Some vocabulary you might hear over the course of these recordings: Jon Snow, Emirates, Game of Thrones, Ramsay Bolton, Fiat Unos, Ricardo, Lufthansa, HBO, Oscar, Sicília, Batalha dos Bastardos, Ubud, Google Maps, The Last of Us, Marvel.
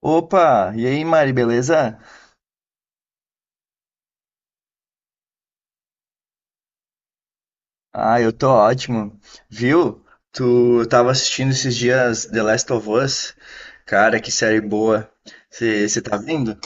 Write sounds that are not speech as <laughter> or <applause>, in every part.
Opa, e aí, Mari, beleza? Ah, eu tô ótimo. Viu? Tu tava assistindo esses dias The Last of Us? Cara, que série boa. Você tá vendo?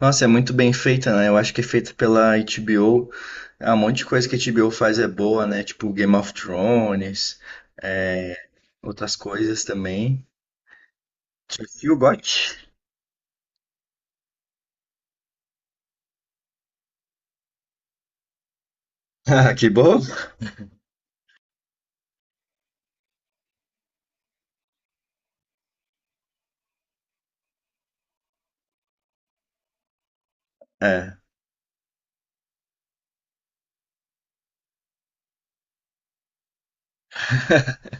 Nossa, é muito bem feita, né? Eu acho que é feita pela HBO. Ah, um monte de coisa que a HBO faz é boa, né? Tipo Game of Thrones, é, outras coisas também. Tio Got. <laughs> Que bom? É. <laughs>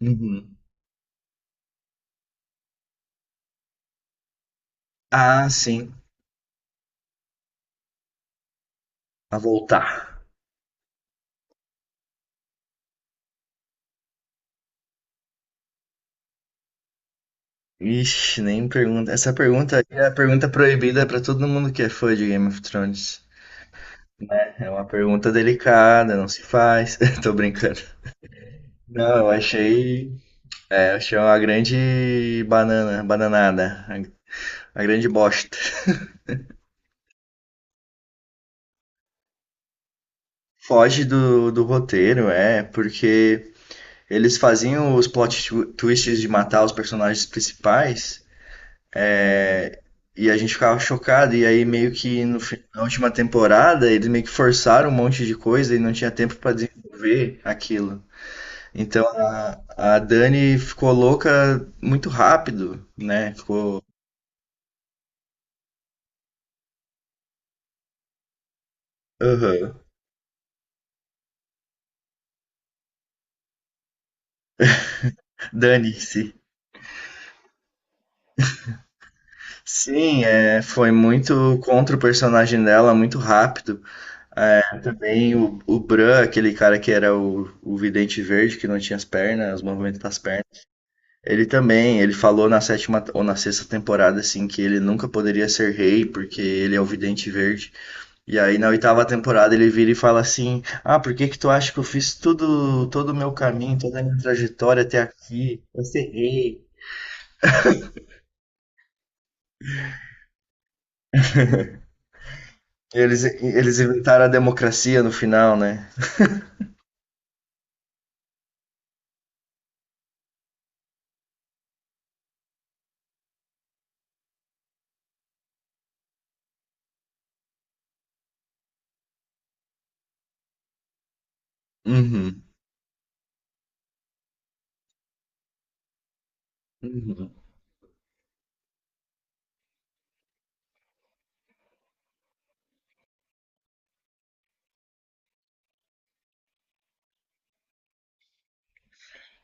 Uhum. Ah, sim. A voltar. Ixi, nem pergunta. Essa pergunta aí é a pergunta proibida pra todo mundo que é fã de Game of Thrones. É uma pergunta delicada, não se faz. <laughs> Tô brincando. Não, eu achei uma grande banana, bananada, a grande bosta. Foge do roteiro, é, porque eles faziam os plot twists de matar os personagens principais. É, e a gente ficava chocado, e aí meio que no, fi- na última temporada eles meio que forçaram um monte de coisa e não tinha tempo pra desenvolver aquilo. Então a Dani ficou louca muito rápido, né? Ficou. Aham. Dane-se. Sim, é, foi muito contra o personagem dela, muito rápido. Também o Bran, aquele cara que era o vidente verde, que não tinha as pernas, os movimentos das pernas. Ele também, ele falou na sétima ou na sexta temporada, assim, que ele nunca poderia ser rei, porque ele é o Vidente Verde. E aí na oitava temporada ele vira e fala assim, ah, por que que tu acha que eu fiz tudo, todo o meu caminho, toda a minha trajetória até aqui? Eu ser rei. Eles inventaram a democracia no final, né? Uhum. Uhum.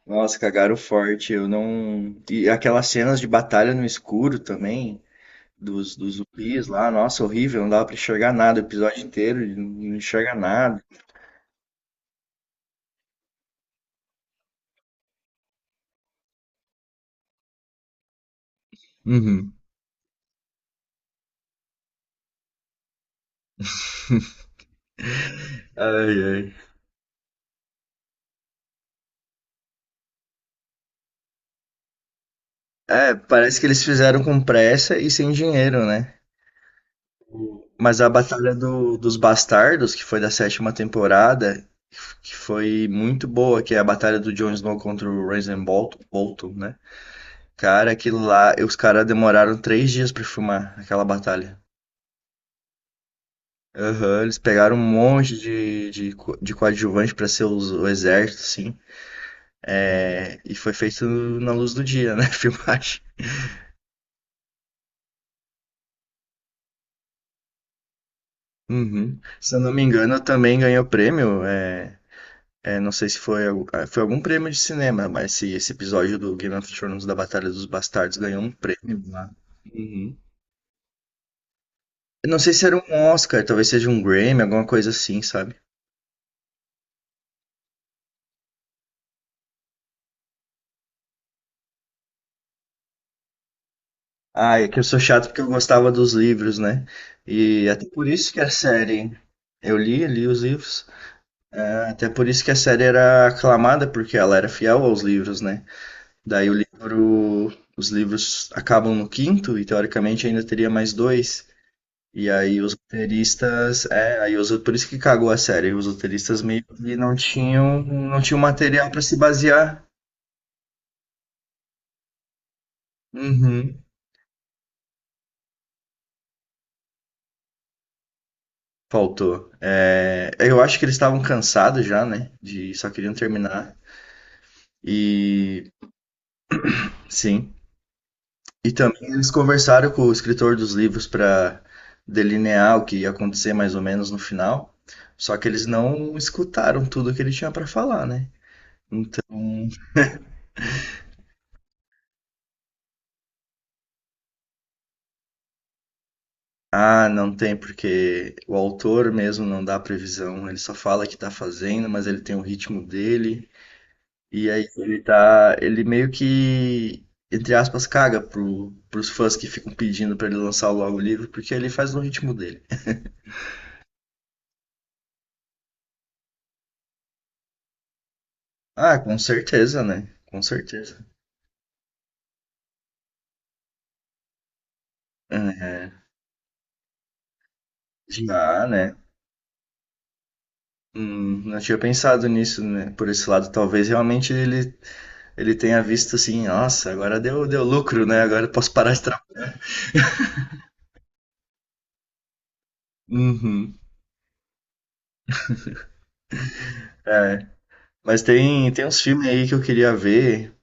Nossa, cagaram forte. Eu não. E aquelas cenas de batalha no escuro também. Dos zumbis lá, nossa, horrível, não dava pra enxergar nada o episódio inteiro, não enxerga nada. Uhum. Ai, ai. É, parece que eles fizeram com pressa e sem dinheiro, né? Mas a Batalha dos Bastardos, que foi da sétima temporada, que foi muito boa, que é a batalha do Jon Snow contra o Ramsay Bolton, né? Cara, aquilo lá, os caras demoraram 3 dias pra filmar aquela batalha. Aham, eles pegaram um monte de coadjuvante pra ser o exército, assim. É, e foi feito na luz do dia, né? <laughs> Filmagem. Uhum. Se eu não me engano, também ganhou prêmio. Não sei se foi, foi algum prêmio de cinema, mas se esse episódio do Game of Thrones da Batalha dos Bastardos ganhou um prêmio lá. Uhum. Eu não sei se era um Oscar, talvez seja um Grammy, alguma coisa assim, sabe? Ah, é que eu sou chato porque eu gostava dos livros, né? E até por isso que a série. Eu li os livros. É, até por isso que a série era aclamada, porque ela era fiel aos livros, né? Daí o livro, os livros acabam no quinto e teoricamente ainda teria mais dois. E aí os roteiristas, por isso que cagou a série. Os roteiristas meio que não tinham material para se basear. Uhum, faltou. É, eu acho que eles estavam cansados já, né? De só queriam terminar. E sim, e também eles conversaram com o escritor dos livros para delinear o que ia acontecer mais ou menos no final. Só que eles não escutaram tudo que ele tinha para falar, né? Então, ah, não tem, porque o autor mesmo não dá previsão. Ele só fala que tá fazendo, mas ele tem o ritmo dele. E aí ele tá. Ele meio que, entre aspas, caga pro, pros fãs que ficam pedindo para ele lançar logo o livro, porque ele faz no ritmo dele. Ah, com certeza, né? Com certeza. É, já, né? Não tinha pensado nisso, né? Por esse lado, talvez realmente ele tenha visto assim, nossa, agora deu lucro, né? Agora eu posso parar de trabalhar. Uhum. É. Mas tem uns filmes aí que eu queria ver.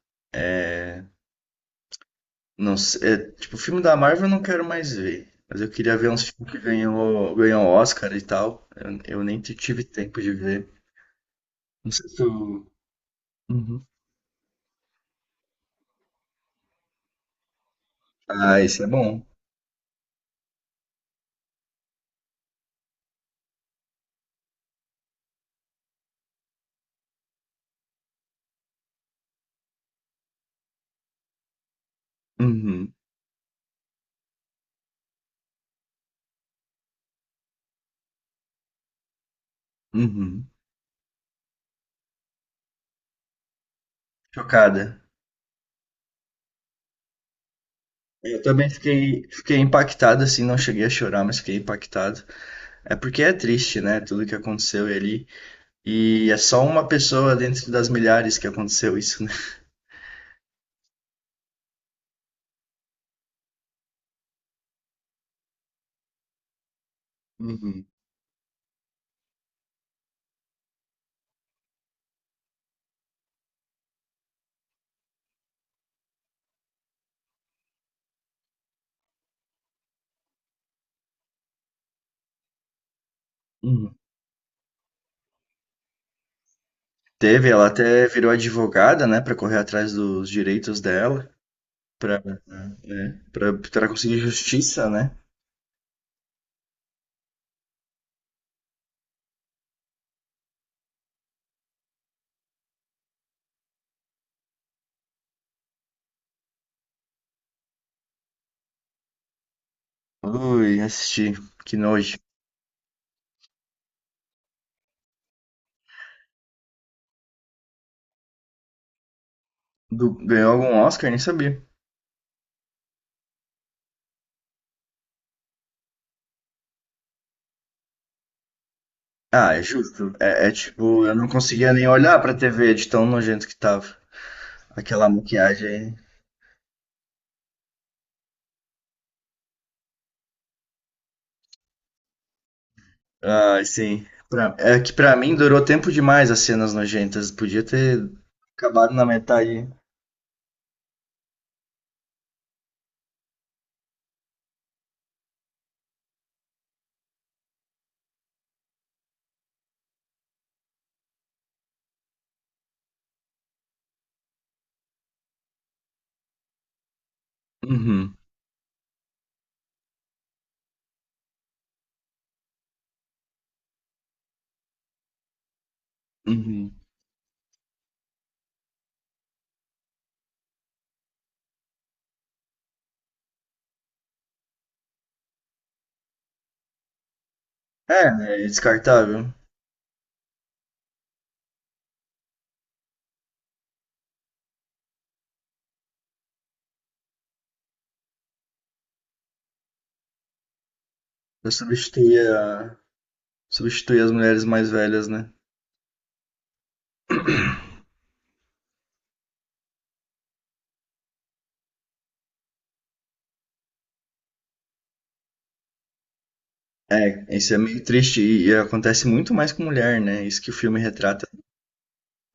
Não sei, tipo, filme da Marvel eu não quero mais ver. Mas eu queria ver uns filmes que ganhou, ganhou Oscar e tal. Eu nem tive tempo de ver. Não sei se tu. Uhum. Ah, esse é bom. Uhum. Uhum. Chocada. Eu também fiquei impactado, assim, não cheguei a chorar, mas fiquei impactado. É porque é triste, né? Tudo que aconteceu ali. E é só uma pessoa dentro das milhares que aconteceu isso, né? Uhum. Uhum. Teve, ela até virou advogada, né, pra correr atrás dos direitos dela, pra né, para conseguir justiça, né? Ui, assisti, que nojo. Ganhou algum Oscar? Nem sabia. Ah, é justo. É, é tipo, eu não conseguia nem olhar pra TV de tão nojento que tava. Aquela maquiagem. Ah, sim. É que pra mim durou tempo demais as cenas nojentas. Podia ter acabado na metade. Uhum, uhum. É, né, é descartável. Eu substituía as mulheres mais velhas, né? É, isso é meio triste e acontece muito mais com mulher, né? Isso que o filme retrata.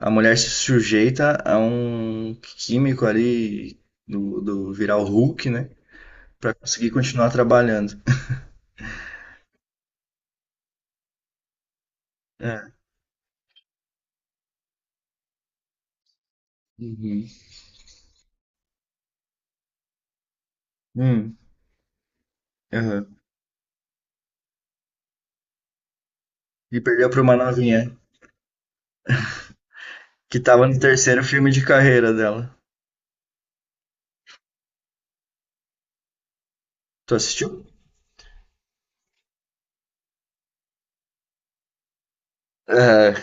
A mulher se sujeita a um químico ali do virar o Hulk, né? Pra conseguir continuar trabalhando. É. Uhum. Hum, aham. E perdeu pra uma novinha, que tava no terceiro filme de carreira dela. Tu assistiu? É,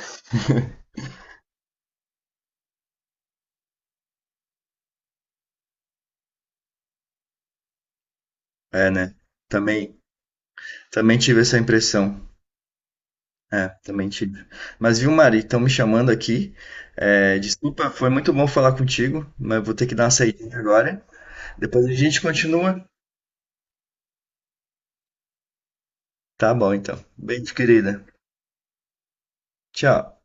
é né? Também, também tive essa impressão. É, também tive. Mas viu, Mari, estão me chamando aqui. É, desculpa, foi muito bom falar contigo, mas vou ter que dar uma saída agora. Depois a gente continua. Tá bom, então. Beijo, querida. Tchau.